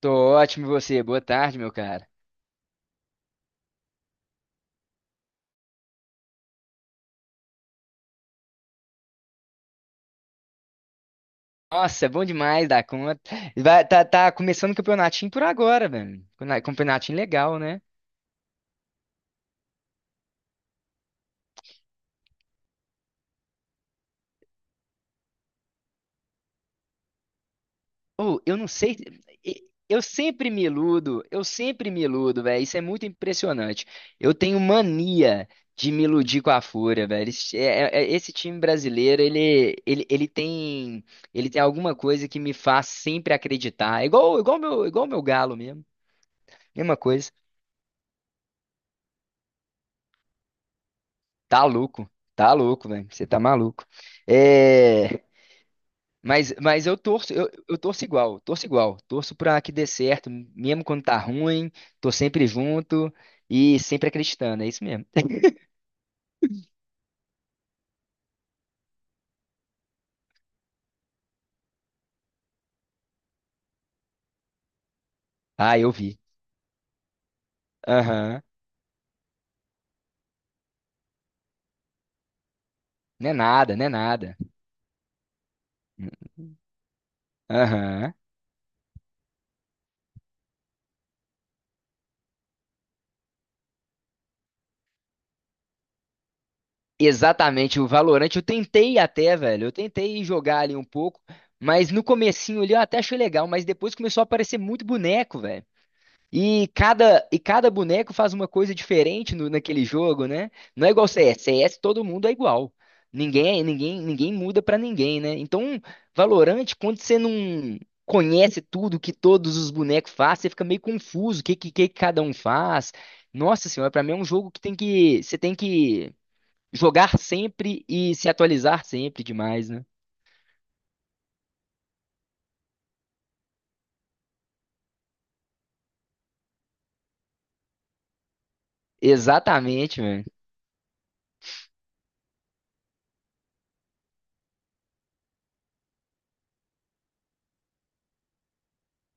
Tô ótimo, e você? Boa tarde, meu cara. Nossa, é bom demais dar conta. Vai, tá começando o campeonatinho por agora, velho. Campeonatinho legal, né? Ou, eu não sei. Eu sempre me iludo, eu sempre me iludo, velho. Isso é muito impressionante. Eu tenho mania de me iludir com a Fúria, velho. Esse time brasileiro, ele tem, ele tem alguma coisa que me faz sempre acreditar. É igual, igual meu galo mesmo. Mesma coisa. Tá louco, velho. Você tá maluco. É, mas eu torço, eu torço igual, torço igual. Torço pra que dê certo, mesmo quando tá ruim, tô sempre junto e sempre acreditando, é isso mesmo. Ah, eu vi. Aham. Não é nada, não é nada. Aham. Exatamente, o Valorant eu tentei até, velho. Eu tentei jogar ali um pouco, mas no comecinho ali eu até achei legal, mas depois começou a aparecer muito boneco, velho. E cada boneco faz uma coisa diferente naquele jogo, né? Não é igual CS. CS todo mundo é igual. Ninguém muda pra ninguém, né? Então, Valorant, quando você não conhece tudo que todos os bonecos fazem, você fica meio confuso, o que cada um faz. Nossa senhora, pra mim é um jogo você tem que jogar sempre e se atualizar sempre demais, né? Exatamente, velho.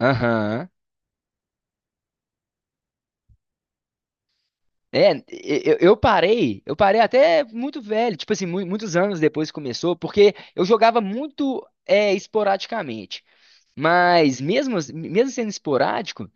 Aham. É, eu parei até muito velho, tipo assim, muitos anos depois que começou, porque eu jogava muito esporadicamente. Mesmo sendo esporádico,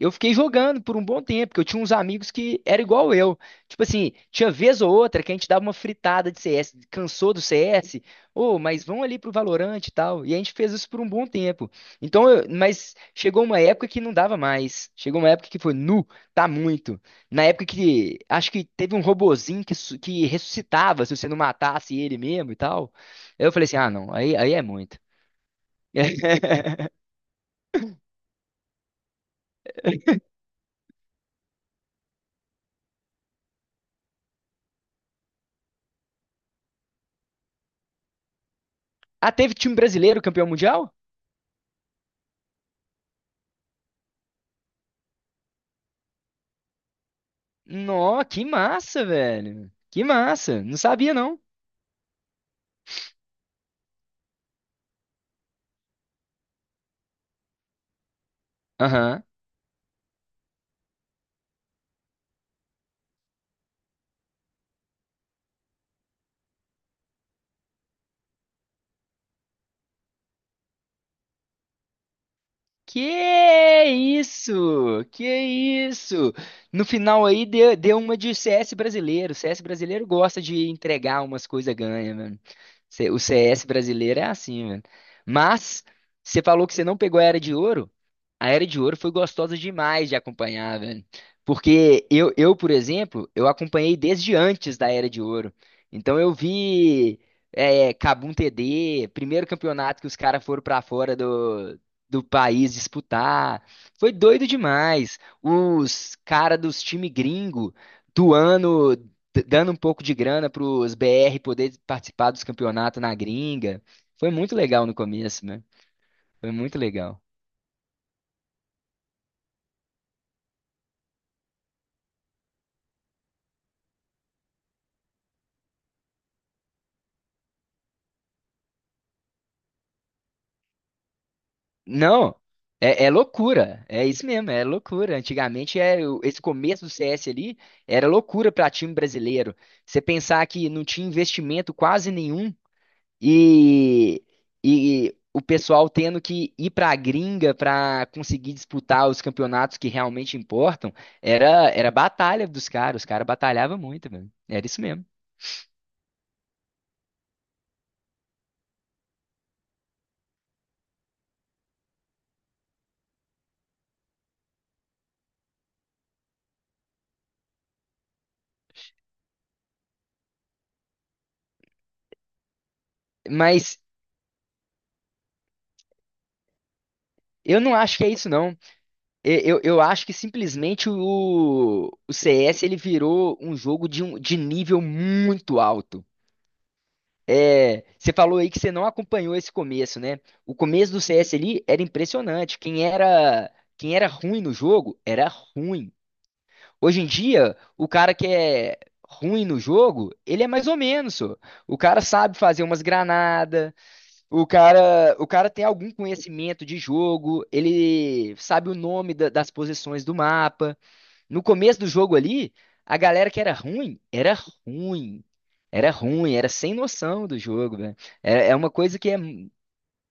eu fiquei jogando por um bom tempo, porque eu tinha uns amigos que era igual eu. Tipo assim, tinha vez ou outra que a gente dava uma fritada de CS, cansou do CS, ô, mas vão ali pro Valorant e tal. E a gente fez isso por um bom tempo. Então, mas chegou uma época que não dava mais. Chegou uma época que foi, tá muito. Na época que acho que teve um robozinho que ressuscitava se você não matasse ele mesmo e tal. Aí eu falei assim, ah, não, aí é muito. Ah, teve time brasileiro campeão mundial? Nó, que massa, velho. Que massa. Não sabia, não. Aham. Que isso? Que isso? No final aí deu, deu uma de CS brasileiro. CS brasileiro gosta de entregar umas coisas ganha, mano. O CS brasileiro é assim, mano. Mas você falou que você não pegou a Era de Ouro. A Era de Ouro foi gostosa demais de acompanhar, velho. Porque por exemplo, eu acompanhei desde antes da Era de Ouro. Então eu vi Kabum TD, primeiro campeonato que os caras foram pra fora do país disputar. Foi doido demais. Os cara dos time gringo doando, dando um pouco de grana pros BR poder participar dos campeonatos na gringa. Foi muito legal no começo, né? Foi muito legal. Não, é loucura. É isso mesmo, é loucura. Antigamente, esse começo do CS ali era loucura para time brasileiro. Você pensar que não tinha investimento quase nenhum e, e o pessoal tendo que ir para a gringa para conseguir disputar os campeonatos que realmente importam, era batalha dos caras, os caras batalhavam muito, velho. Era isso mesmo. Mas eu não acho que é isso, não. Eu acho que simplesmente o CS ele virou um jogo de nível muito alto. É, você falou aí que você não acompanhou esse começo, né? O começo do CS ali era impressionante. Quem era ruim no jogo era ruim. Hoje em dia, o cara que é ruim no jogo, ele é mais ou menos, só. O cara sabe fazer umas granadas, o cara tem algum conhecimento de jogo, ele sabe o nome das posições do mapa. No começo do jogo ali, a galera que era ruim, era ruim. Era ruim, era sem noção do jogo, velho. É, é uma coisa que é,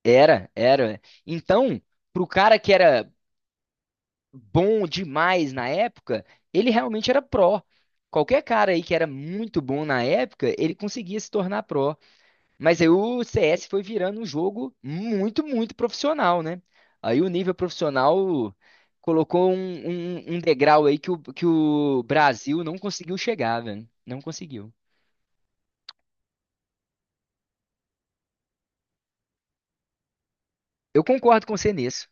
era, né? Então, pro cara que era bom demais na época, ele realmente era pró. Qualquer cara aí que era muito bom na época, ele conseguia se tornar pró. Mas aí o CS foi virando um jogo muito, muito profissional, né? Aí o nível profissional colocou um degrau aí que o Brasil não conseguiu chegar, velho. Não conseguiu. Eu concordo com você nisso.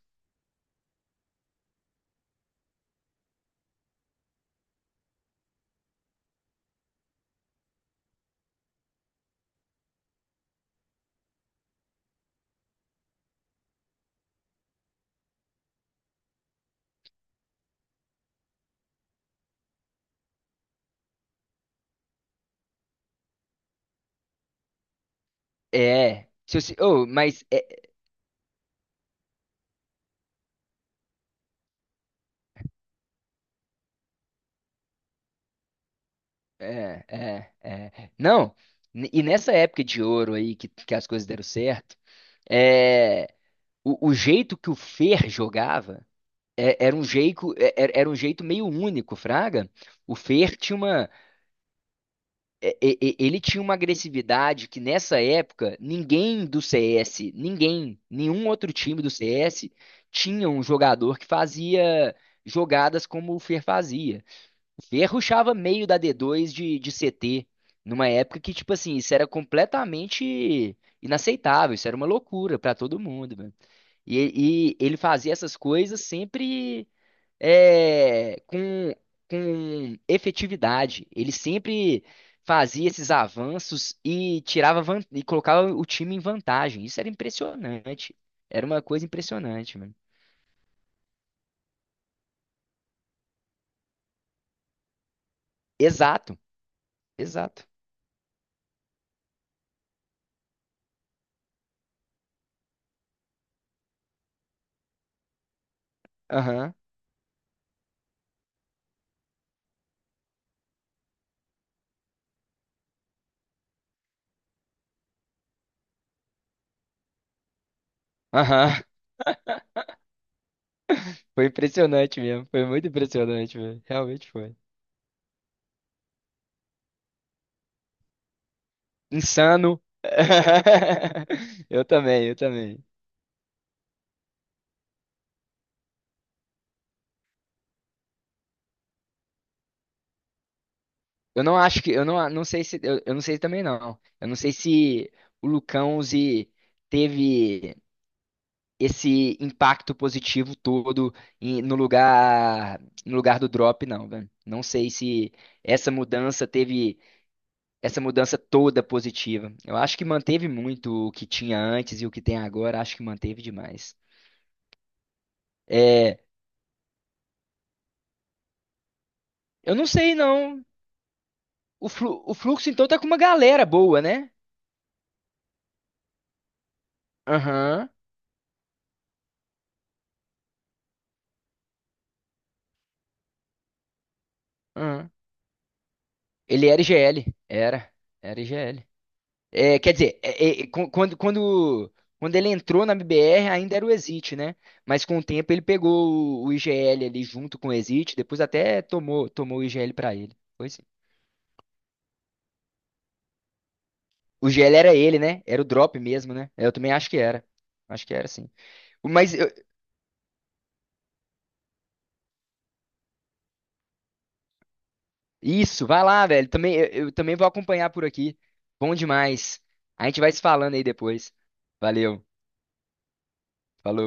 É. Se eu, se- ô, mas é, Não, e nessa época de ouro aí que as coisas deram certo, é, o jeito que o Fer jogava era um jeito, era um jeito meio único, Fraga. O Fer tinha uma, ele tinha uma agressividade que nessa época ninguém do CS, ninguém, nenhum outro time do CS tinha um jogador que fazia jogadas como o Fer fazia. Ele rushava meio da D2 de CT, numa época que, tipo assim, isso era completamente inaceitável, isso era uma loucura pra todo mundo, mano. E ele fazia essas coisas sempre é, com, com efetividade. Ele sempre fazia esses avanços e tirava e colocava o time em vantagem. Isso era impressionante. Era uma coisa impressionante, mano. Exato, exato. Aham, aham. Foi impressionante mesmo. Foi muito impressionante, velho. Realmente foi. Insano. Eu também, eu também. Eu não acho que. Eu não, não sei se. Eu não sei também, não. Eu não sei se o Lucão se teve esse impacto positivo todo no lugar, no lugar do drop, não, velho. Não sei se essa mudança teve essa mudança toda positiva. Eu acho que manteve muito o que tinha antes e o que tem agora. Acho que manteve demais. É, Eu não sei, não. O Fluxo, então, tá com uma galera boa, né? Aham. Aham. Ele era IGL. Era. Era IGL. É, quer dizer, quando ele entrou na BBR, ainda era o Exit, né? Mas com o tempo ele pegou o IGL ali junto com o Exit, depois até tomou, tomou o IGL pra ele. Foi sim. O IGL era ele, né? Era o drop mesmo, né? Eu também acho que era. Acho que era, sim. Mas Isso, vai lá, velho. Também, eu também vou acompanhar por aqui. Bom demais. A gente vai se falando aí depois. Valeu, falou.